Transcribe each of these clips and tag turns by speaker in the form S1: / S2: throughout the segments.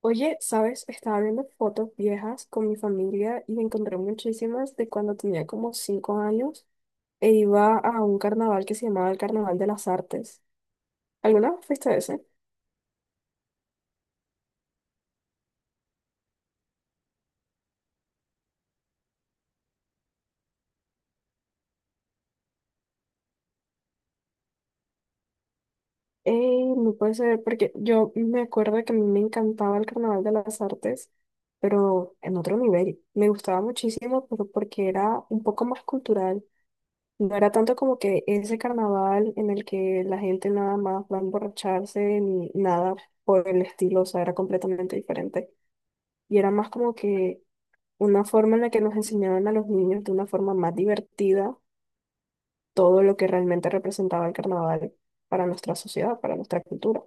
S1: Oye, ¿sabes? Estaba viendo fotos viejas con mi familia y encontré muchísimas de cuando tenía como 5 años e iba a un carnaval que se llamaba el Carnaval de las Artes. ¿Alguna vez fuiste a ese? Ey, no puede ser, porque yo me acuerdo que a mí me encantaba el Carnaval de las Artes, pero en otro nivel. Me gustaba muchísimo, pero porque era un poco más cultural. No era tanto como que ese carnaval en el que la gente nada más va a emborracharse ni nada por el estilo, o sea, era completamente diferente. Y era más como que una forma en la que nos enseñaban a los niños de una forma más divertida todo lo que realmente representaba el carnaval para nuestra sociedad, para nuestra cultura.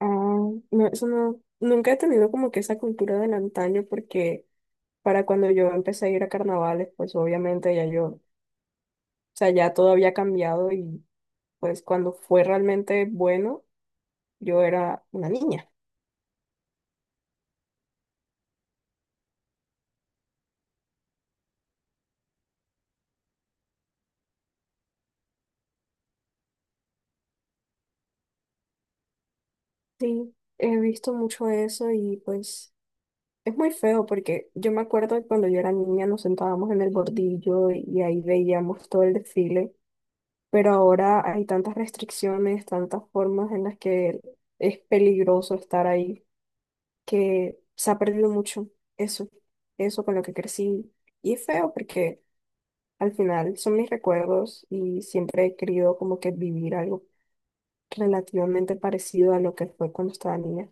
S1: Ah, no, eso no, nunca he tenido como que esa cultura del antaño porque para cuando yo empecé a ir a carnavales, pues obviamente ya yo, o sea, ya todo había cambiado y pues cuando fue realmente bueno, yo era una niña. Sí, he visto mucho eso y pues es muy feo porque yo me acuerdo que cuando yo era niña nos sentábamos en el bordillo y ahí veíamos todo el desfile, pero ahora hay tantas restricciones, tantas formas en las que es peligroso estar ahí, que se ha perdido mucho eso, eso con lo que crecí. Y es feo porque al final son mis recuerdos y siempre he querido como que vivir algo relativamente parecido a lo que fue cuando estaba niña.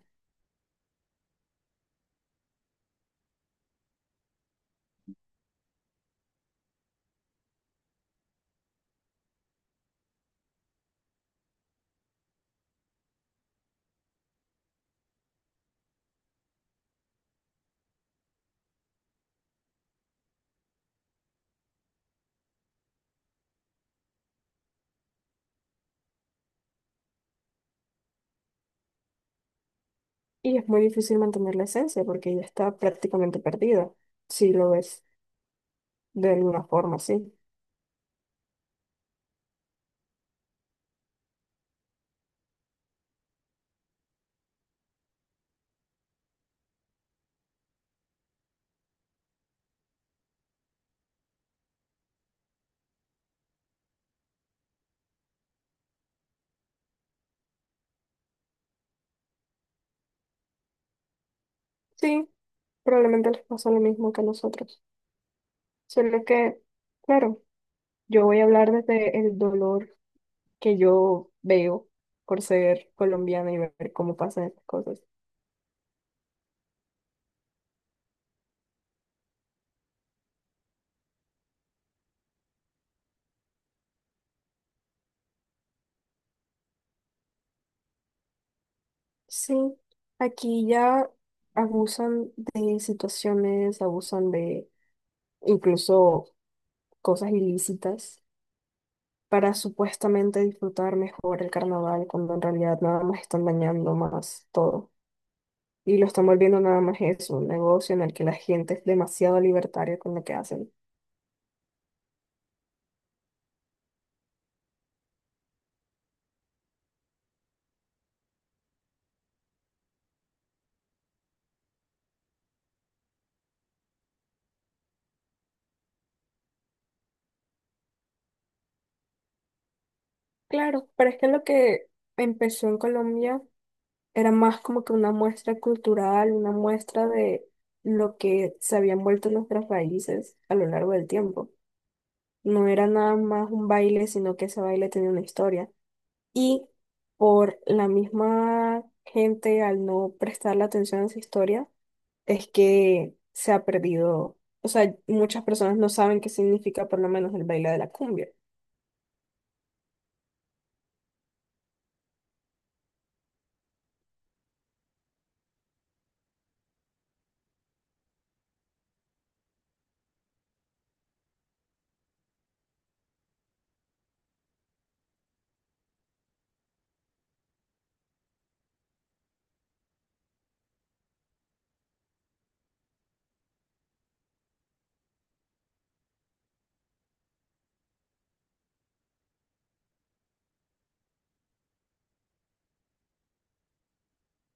S1: Y es muy difícil mantener la esencia porque ella está prácticamente perdida, si lo ves de alguna forma, sí. Sí, probablemente les pasa lo mismo que a nosotros. Solo que, claro, yo voy a hablar desde el dolor que yo veo por ser colombiana y ver cómo pasan estas cosas. Sí, aquí ya abusan de situaciones, abusan de incluso cosas ilícitas para supuestamente disfrutar mejor el carnaval, cuando en realidad nada más están dañando más todo. Y lo están volviendo nada más eso, un negocio en el que la gente es demasiado libertaria con lo que hacen. Claro, pero es que lo que empezó en Colombia era más como que una muestra cultural, una muestra de lo que se habían vuelto nuestras raíces a lo largo del tiempo. No era nada más un baile, sino que ese baile tenía una historia. Y por la misma gente, al no prestarle atención a esa historia, es que se ha perdido. O sea, muchas personas no saben qué significa por lo menos el baile de la cumbia.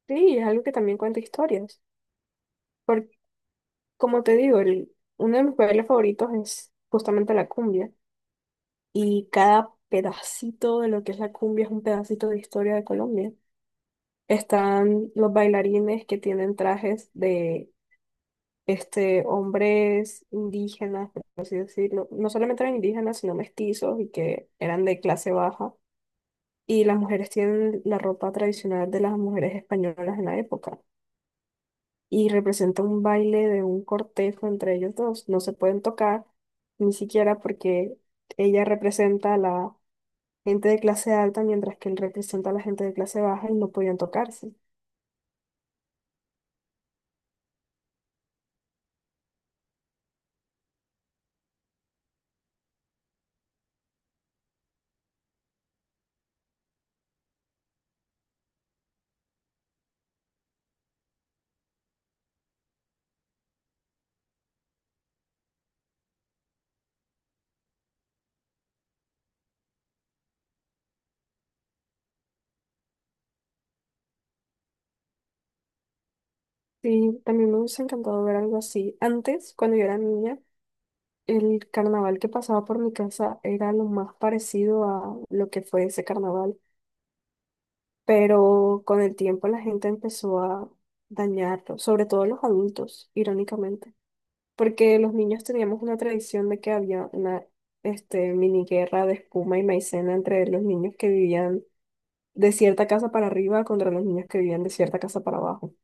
S1: Sí, es algo que también cuenta historias. Porque, como te digo, uno de mis bailes favoritos es justamente la cumbia. Y cada pedacito de lo que es la cumbia es un pedacito de historia de Colombia. Están los bailarines que tienen trajes de este, hombres indígenas, por así decirlo, no solamente eran indígenas, sino mestizos y que eran de clase baja. Y las mujeres tienen la ropa tradicional de las mujeres españolas en la época. Y representa un baile de un cortejo entre ellos dos. No se pueden tocar, ni siquiera porque ella representa a la gente de clase alta, mientras que él representa a la gente de clase baja y no podían tocarse. Sí, también me hubiese encantado ver algo así. Antes, cuando yo era niña, el carnaval que pasaba por mi casa era lo más parecido a lo que fue ese carnaval, pero con el tiempo la gente empezó a dañarlo, sobre todo los adultos, irónicamente, porque los niños teníamos una tradición de que había una este, mini guerra de espuma y maicena entre los niños que vivían de cierta casa para arriba contra los niños que vivían de cierta casa para abajo.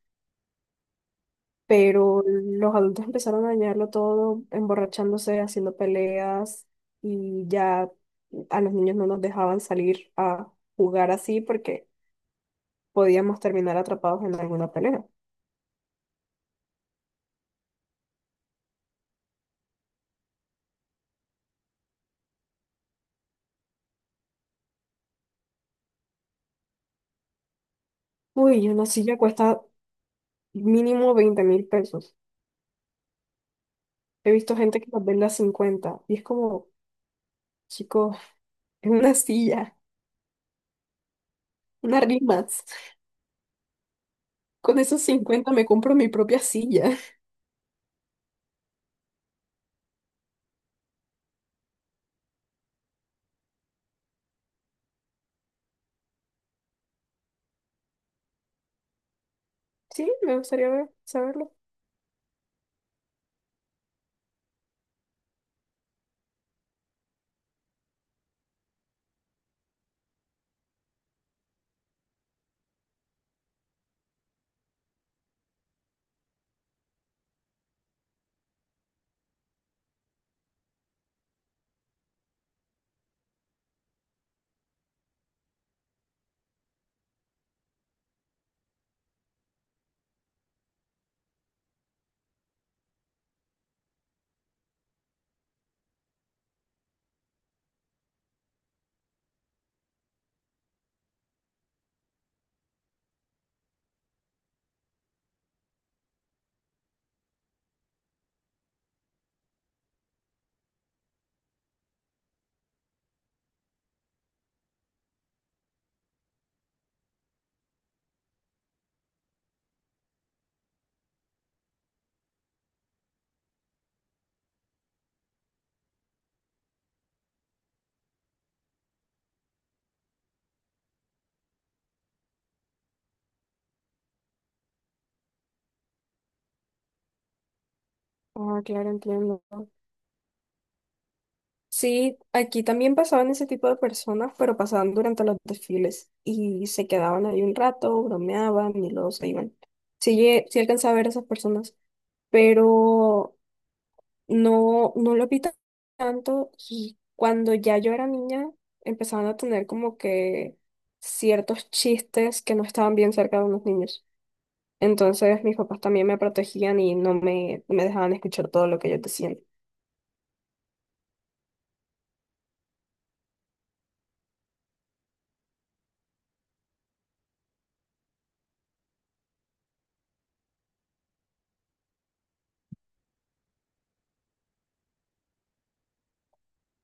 S1: Pero los adultos empezaron a dañarlo todo, emborrachándose, haciendo peleas y ya a los niños no nos dejaban salir a jugar así porque podíamos terminar atrapados en alguna pelea. Uy, una silla cuesta mínimo 20.000 pesos. He visto gente que las vende a 50 y es como, chicos, es una silla, unas rimas. Con esos 50 me compro mi propia silla. Sí, me gustaría saberlo. Ah, claro, entiendo. Sí, aquí también pasaban ese tipo de personas, pero pasaban durante los desfiles y se quedaban ahí un rato, bromeaban y luego se iban. Sí, sí alcanzaba a ver a esas personas, pero no, no lo vi tanto y cuando ya yo era niña empezaban a tener como que ciertos chistes que no estaban bien cerca de unos niños. Entonces mis papás también me protegían y no me dejaban escuchar todo lo que ellos decían.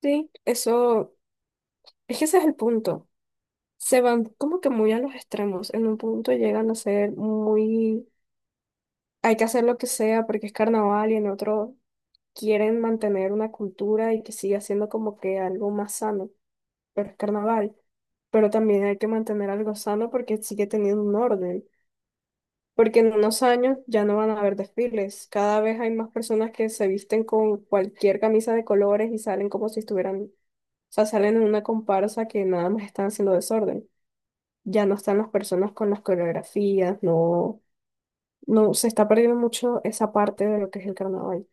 S1: Sí, eso, es que ese es el punto. Se van como que muy a los extremos. En un punto llegan a ser muy, hay que hacer lo que sea porque es carnaval y en otro quieren mantener una cultura y que siga siendo como que algo más sano, pero es carnaval. Pero también hay que mantener algo sano porque sigue teniendo un orden. Porque en unos años ya no van a haber desfiles. Cada vez hay más personas que se visten con cualquier camisa de colores y salen como si estuvieran, o sea, salen en una comparsa que nada más están haciendo desorden. Ya no están las personas con las coreografías, no, no, se está perdiendo mucho esa parte de lo que es el carnaval.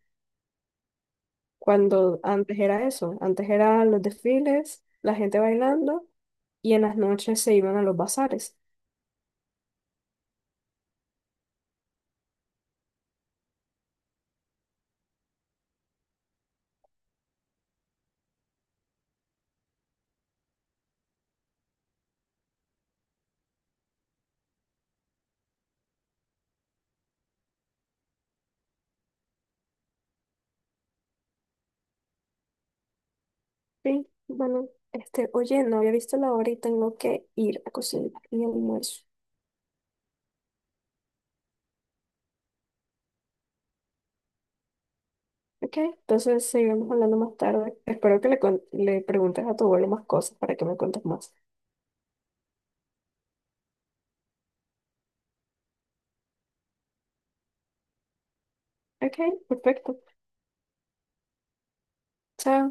S1: Cuando antes era eso, antes eran los desfiles, la gente bailando y en las noches se iban a los bazares. Sí, bueno, este, oye, no había visto la hora y tengo que ir a cocinar mi almuerzo. Ok, entonces seguimos hablando más tarde. Espero que le, le preguntes a tu abuelo más cosas para que me cuentes más. Ok, perfecto. Chao.